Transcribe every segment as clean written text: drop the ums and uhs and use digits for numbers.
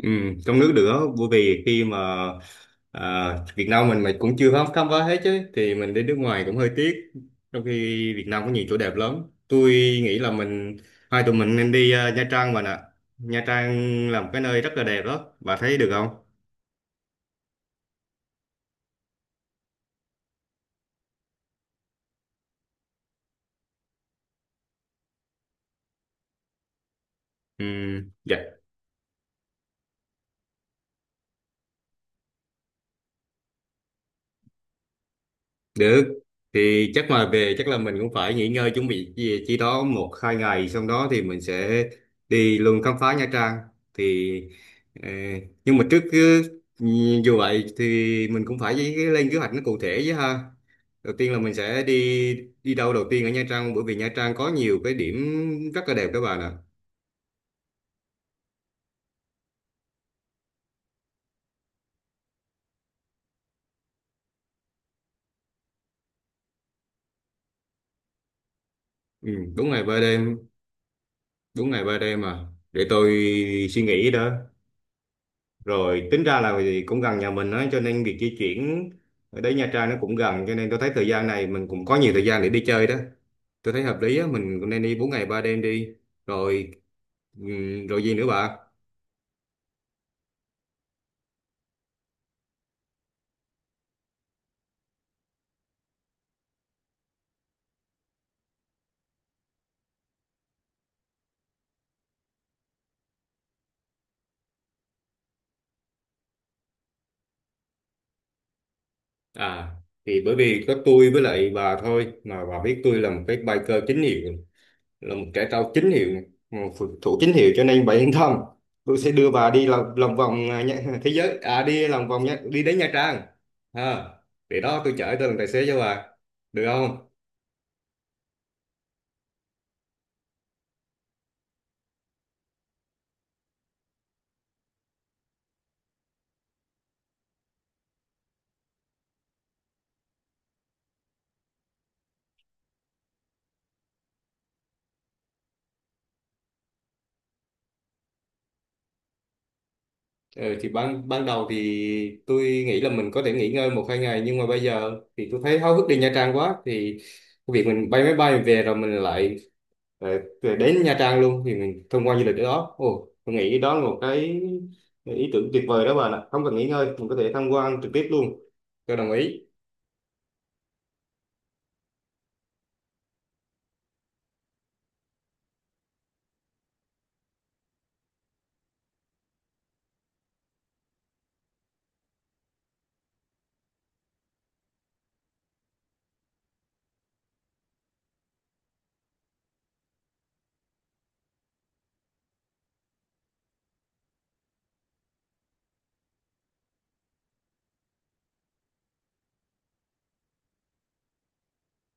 Ừ, trong nước được á, bởi vì khi mà à, Việt Nam mình cũng chưa khám khám phá hết chứ thì mình đi nước ngoài cũng hơi tiếc, trong khi Việt Nam có nhiều chỗ đẹp lắm. Tôi nghĩ là hai tụi mình nên đi, Nha Trang mà nè. Nha Trang là một cái nơi rất là đẹp đó, bà thấy được không? Ừ, dạ. Được, thì chắc mà về chắc là mình cũng phải nghỉ ngơi chuẩn bị chi đó một hai ngày, xong đó thì mình sẽ đi luôn khám phá Nha Trang. Thì ờ, nhưng mà dù vậy thì mình cũng phải lên kế hoạch nó cụ thể chứ ha. Đầu tiên là mình sẽ đi đi đâu đầu tiên ở Nha Trang, bởi vì Nha Trang có nhiều cái điểm rất là đẹp các bạn ạ. Ừ, đúng ngày ba đêm, đúng ngày ba đêm mà, để tôi suy nghĩ đó. Rồi tính ra là vì cũng gần nhà mình á, cho nên việc di chuyển ở đấy Nha Trang nó cũng gần, cho nên tôi thấy thời gian này mình cũng có nhiều thời gian để đi chơi đó. Tôi thấy hợp lý á, mình cũng nên đi 4 ngày 3 đêm đi. Rồi rồi gì nữa bà? à thì bởi vì có tôi với lại bà thôi, mà bà biết tôi là một cái biker chính hiệu, là một cái tàu chính hiệu này, một phù thủ chính hiệu, cho nên bà yên tâm. Tôi sẽ đưa bà đi lòng vòng thế giới, đi lòng vòng nhá, đi đến Nha Trang. à, để đó tôi chở, tôi làm tài xế cho bà được không? Ừ, thì ban ban đầu thì tôi nghĩ là mình có thể nghỉ ngơi một hai ngày, nhưng mà bây giờ thì tôi thấy háo hức đi Nha Trang quá. Thì cái việc mình bay máy bay mình về rồi mình lại, ờ, về đến Nha Trang luôn, thì mình thông qua du lịch ở đó. Ồ, tôi nghĩ đó là một cái ý tưởng tuyệt vời đó bạn ạ, không cần nghỉ ngơi, mình có thể tham quan trực tiếp luôn. Tôi đồng ý.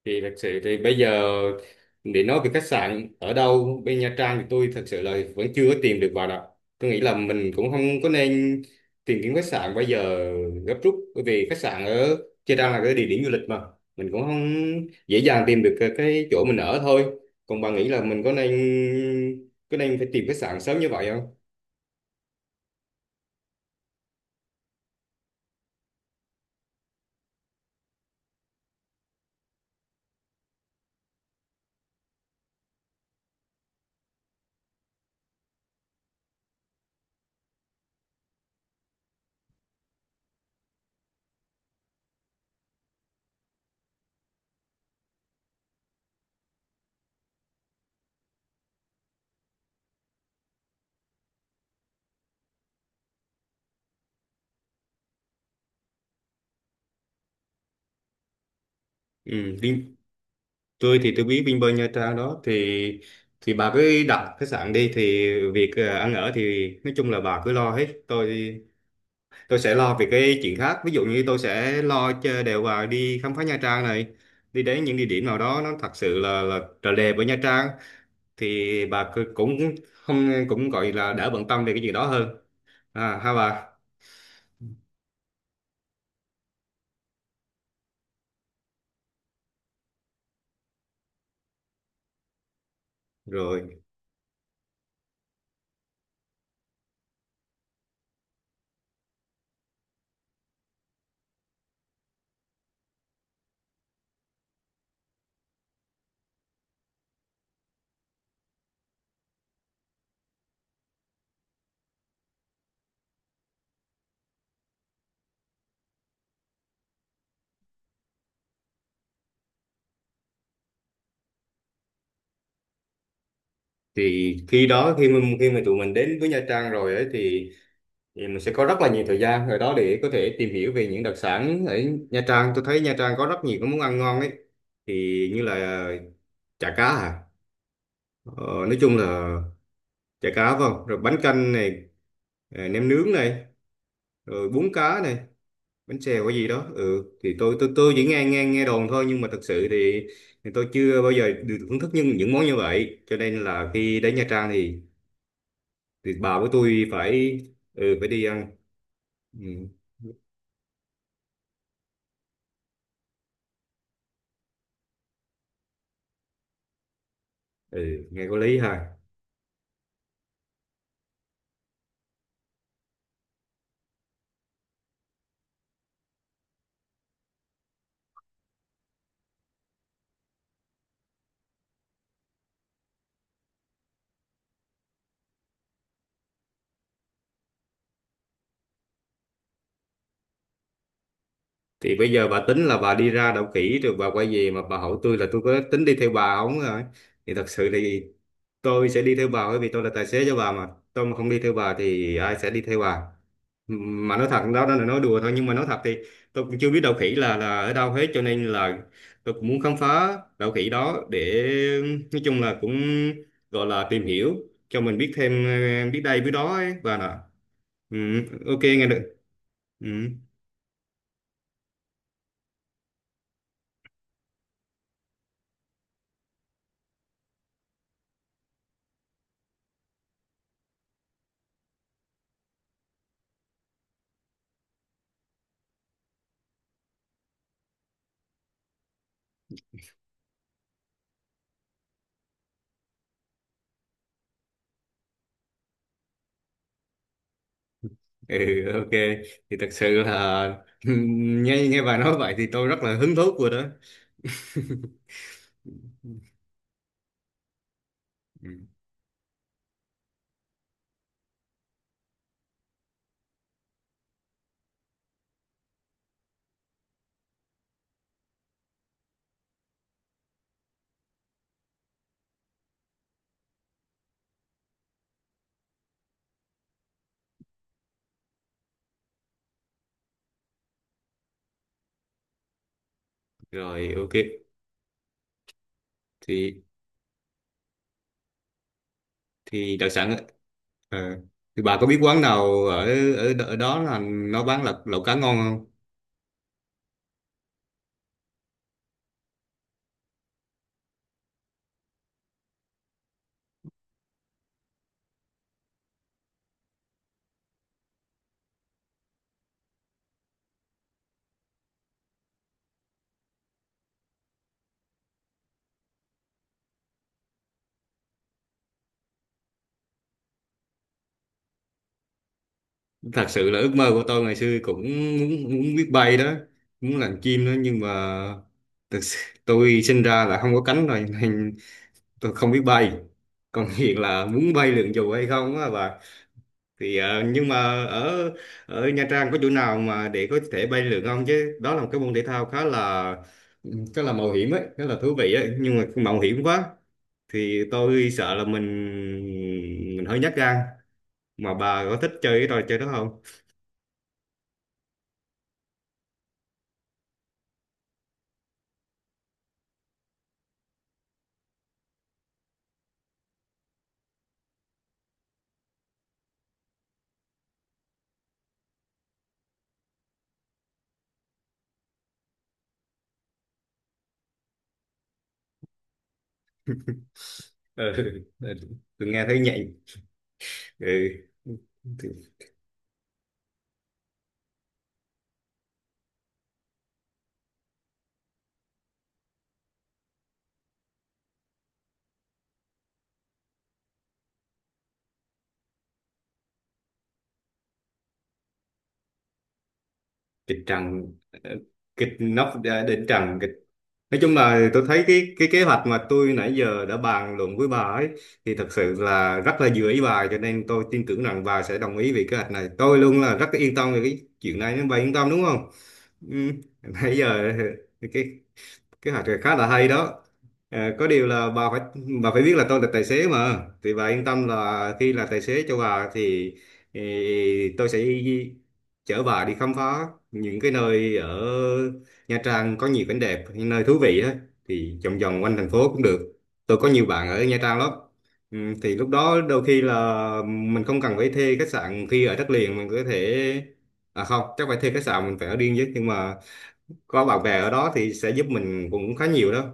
Thì thật sự thì bây giờ để nói về khách sạn ở đâu bên Nha Trang, thì tôi thật sự là vẫn chưa có tìm được vào đó. Tôi nghĩ là mình cũng không có nên tìm kiếm khách sạn bây giờ gấp rút, bởi vì khách sạn ở Nha Trang là cái địa điểm du lịch mà mình cũng không dễ dàng tìm được cái chỗ mình ở thôi. Còn bà nghĩ là mình có nên phải tìm khách sạn sớm như vậy không? Ừ, tôi thì tôi biết Vinpearl Nha Trang đó, thì bà cứ đặt khách sạn đi. Thì việc ăn ở thì nói chung là bà cứ lo hết, tôi sẽ lo về cái chuyện khác. Ví dụ như tôi sẽ lo cho đều bà đi khám phá Nha Trang này, đi đến những địa điểm nào đó nó thật sự là trời đẹp ở Nha Trang. Thì cũng không, cũng gọi là đỡ bận tâm về cái chuyện đó hơn. À ha bà. Rồi, thì khi đó khi mà tụi mình đến với Nha Trang rồi ấy, thì mình sẽ có rất là nhiều thời gian rồi đó để có thể tìm hiểu về những đặc sản ở Nha Trang. Tôi thấy Nha Trang có rất nhiều cái món ăn ngon ấy, thì như là chả cá, nói chung là chả cá phải không, rồi bánh canh này, nem nướng này, rồi bún cá này, bánh xèo cái gì đó. Ừ, thì tôi chỉ nghe nghe nghe đồn thôi, nhưng mà thật sự thì, tôi chưa bao giờ được thưởng thức những món như vậy, cho nên là khi đến Nha Trang thì bà của tôi phải, ừ, phải đi ăn. Ừ, ừ nghe có lý ha. Thì bây giờ bà tính là bà đi ra đậu kỹ rồi bà quay về, mà bà hỏi tôi là tôi có tính đi theo bà không rồi. Thì thật sự thì tôi sẽ đi theo bà, bởi vì tôi là tài xế cho bà mà, tôi mà không đi theo bà thì ai sẽ đi theo bà? Mà nói thật đó, đó là nói đùa thôi, nhưng mà nói thật thì tôi cũng chưa biết đậu khỉ là ở đâu hết, cho nên là tôi cũng muốn khám phá đậu khỉ đó để nói chung là cũng gọi là tìm hiểu cho mình biết thêm, biết đây biết đó ấy bà nè. Ừ, ok nghe được. Ừ. Ừ, ok thì thật sự là nghe nghe bà nói vậy thì tôi rất là hứng thú rồi đó. Ừ, rồi ok. Thì thì đặc sản, ờ, thì bà có biết quán nào ở ở, đ- ở đó là nó bán lẩu lẩu cá ngon không? Thật sự là ước mơ của tôi ngày xưa cũng muốn biết bay đó, muốn làm chim đó, nhưng mà thật sự, tôi sinh ra là không có cánh rồi nên tôi không biết bay. Còn hiện là muốn bay lượn dù hay không á bà? Thì nhưng mà ở ở Nha Trang có chỗ nào mà để có thể bay lượn không chứ? Đó là một cái môn thể thao khá là mạo hiểm ấy, khá là thú vị ấy, nhưng mà mạo hiểm quá, thì tôi sợ là mình hơi nhát gan. Mà bà có thích chơi cái trò chơi đó không? Ừ. Tôi nghe thấy nhạy. Ừ. Kịch trần, ờ, kịch nóc, đỉnh trần kịch. Nói chung là tôi thấy cái kế hoạch mà tôi nãy giờ đã bàn luận với bà ấy, thì thật sự là rất là vừa ý bà, cho nên tôi tin tưởng rằng bà sẽ đồng ý về kế hoạch này. Tôi luôn là rất yên tâm về cái chuyện này nên bà yên tâm đúng không? Ừ. Nãy giờ cái kế hoạch này khá là hay đó. Ờ, có điều là bà phải biết là tôi là tài xế mà, thì bà yên tâm là khi là tài xế cho bà thì, tôi sẽ chở bà đi khám phá những cái nơi ở Nha Trang có nhiều cảnh đẹp, những nơi thú vị á, thì vòng vòng quanh thành phố cũng được. Tôi có nhiều bạn ở Nha Trang lắm. Ừ, thì lúc đó đôi khi là mình không cần phải thuê khách sạn khi ở đất liền, mình có thể, không chắc phải thuê khách sạn, mình phải ở riêng chứ, nhưng mà có bạn bè ở đó thì sẽ giúp mình cũng khá nhiều đó.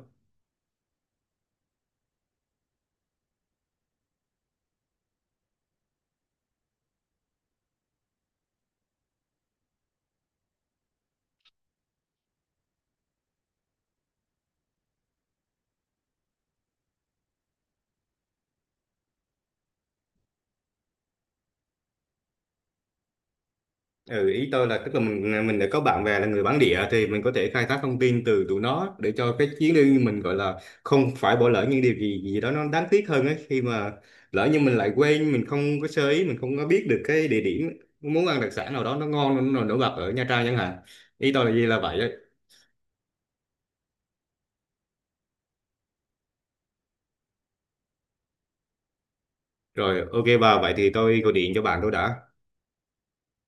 Ừ, ý tôi là tức là mình đã có bạn bè là người bản địa, thì mình có thể khai thác thông tin từ tụi nó để cho cái chuyến đi mình gọi là không phải bỏ lỡ những điều gì gì đó nó đáng tiếc hơn ấy, khi mà lỡ như mình lại quên, mình không có sơ ý, mình không có biết được cái địa điểm muốn ăn đặc sản nào đó nó ngon nó nổi bật ở Nha Trang chẳng hạn. Ý tôi là gì là vậy ấy. Rồi ok bà, vậy thì tôi gọi điện cho bạn tôi đã.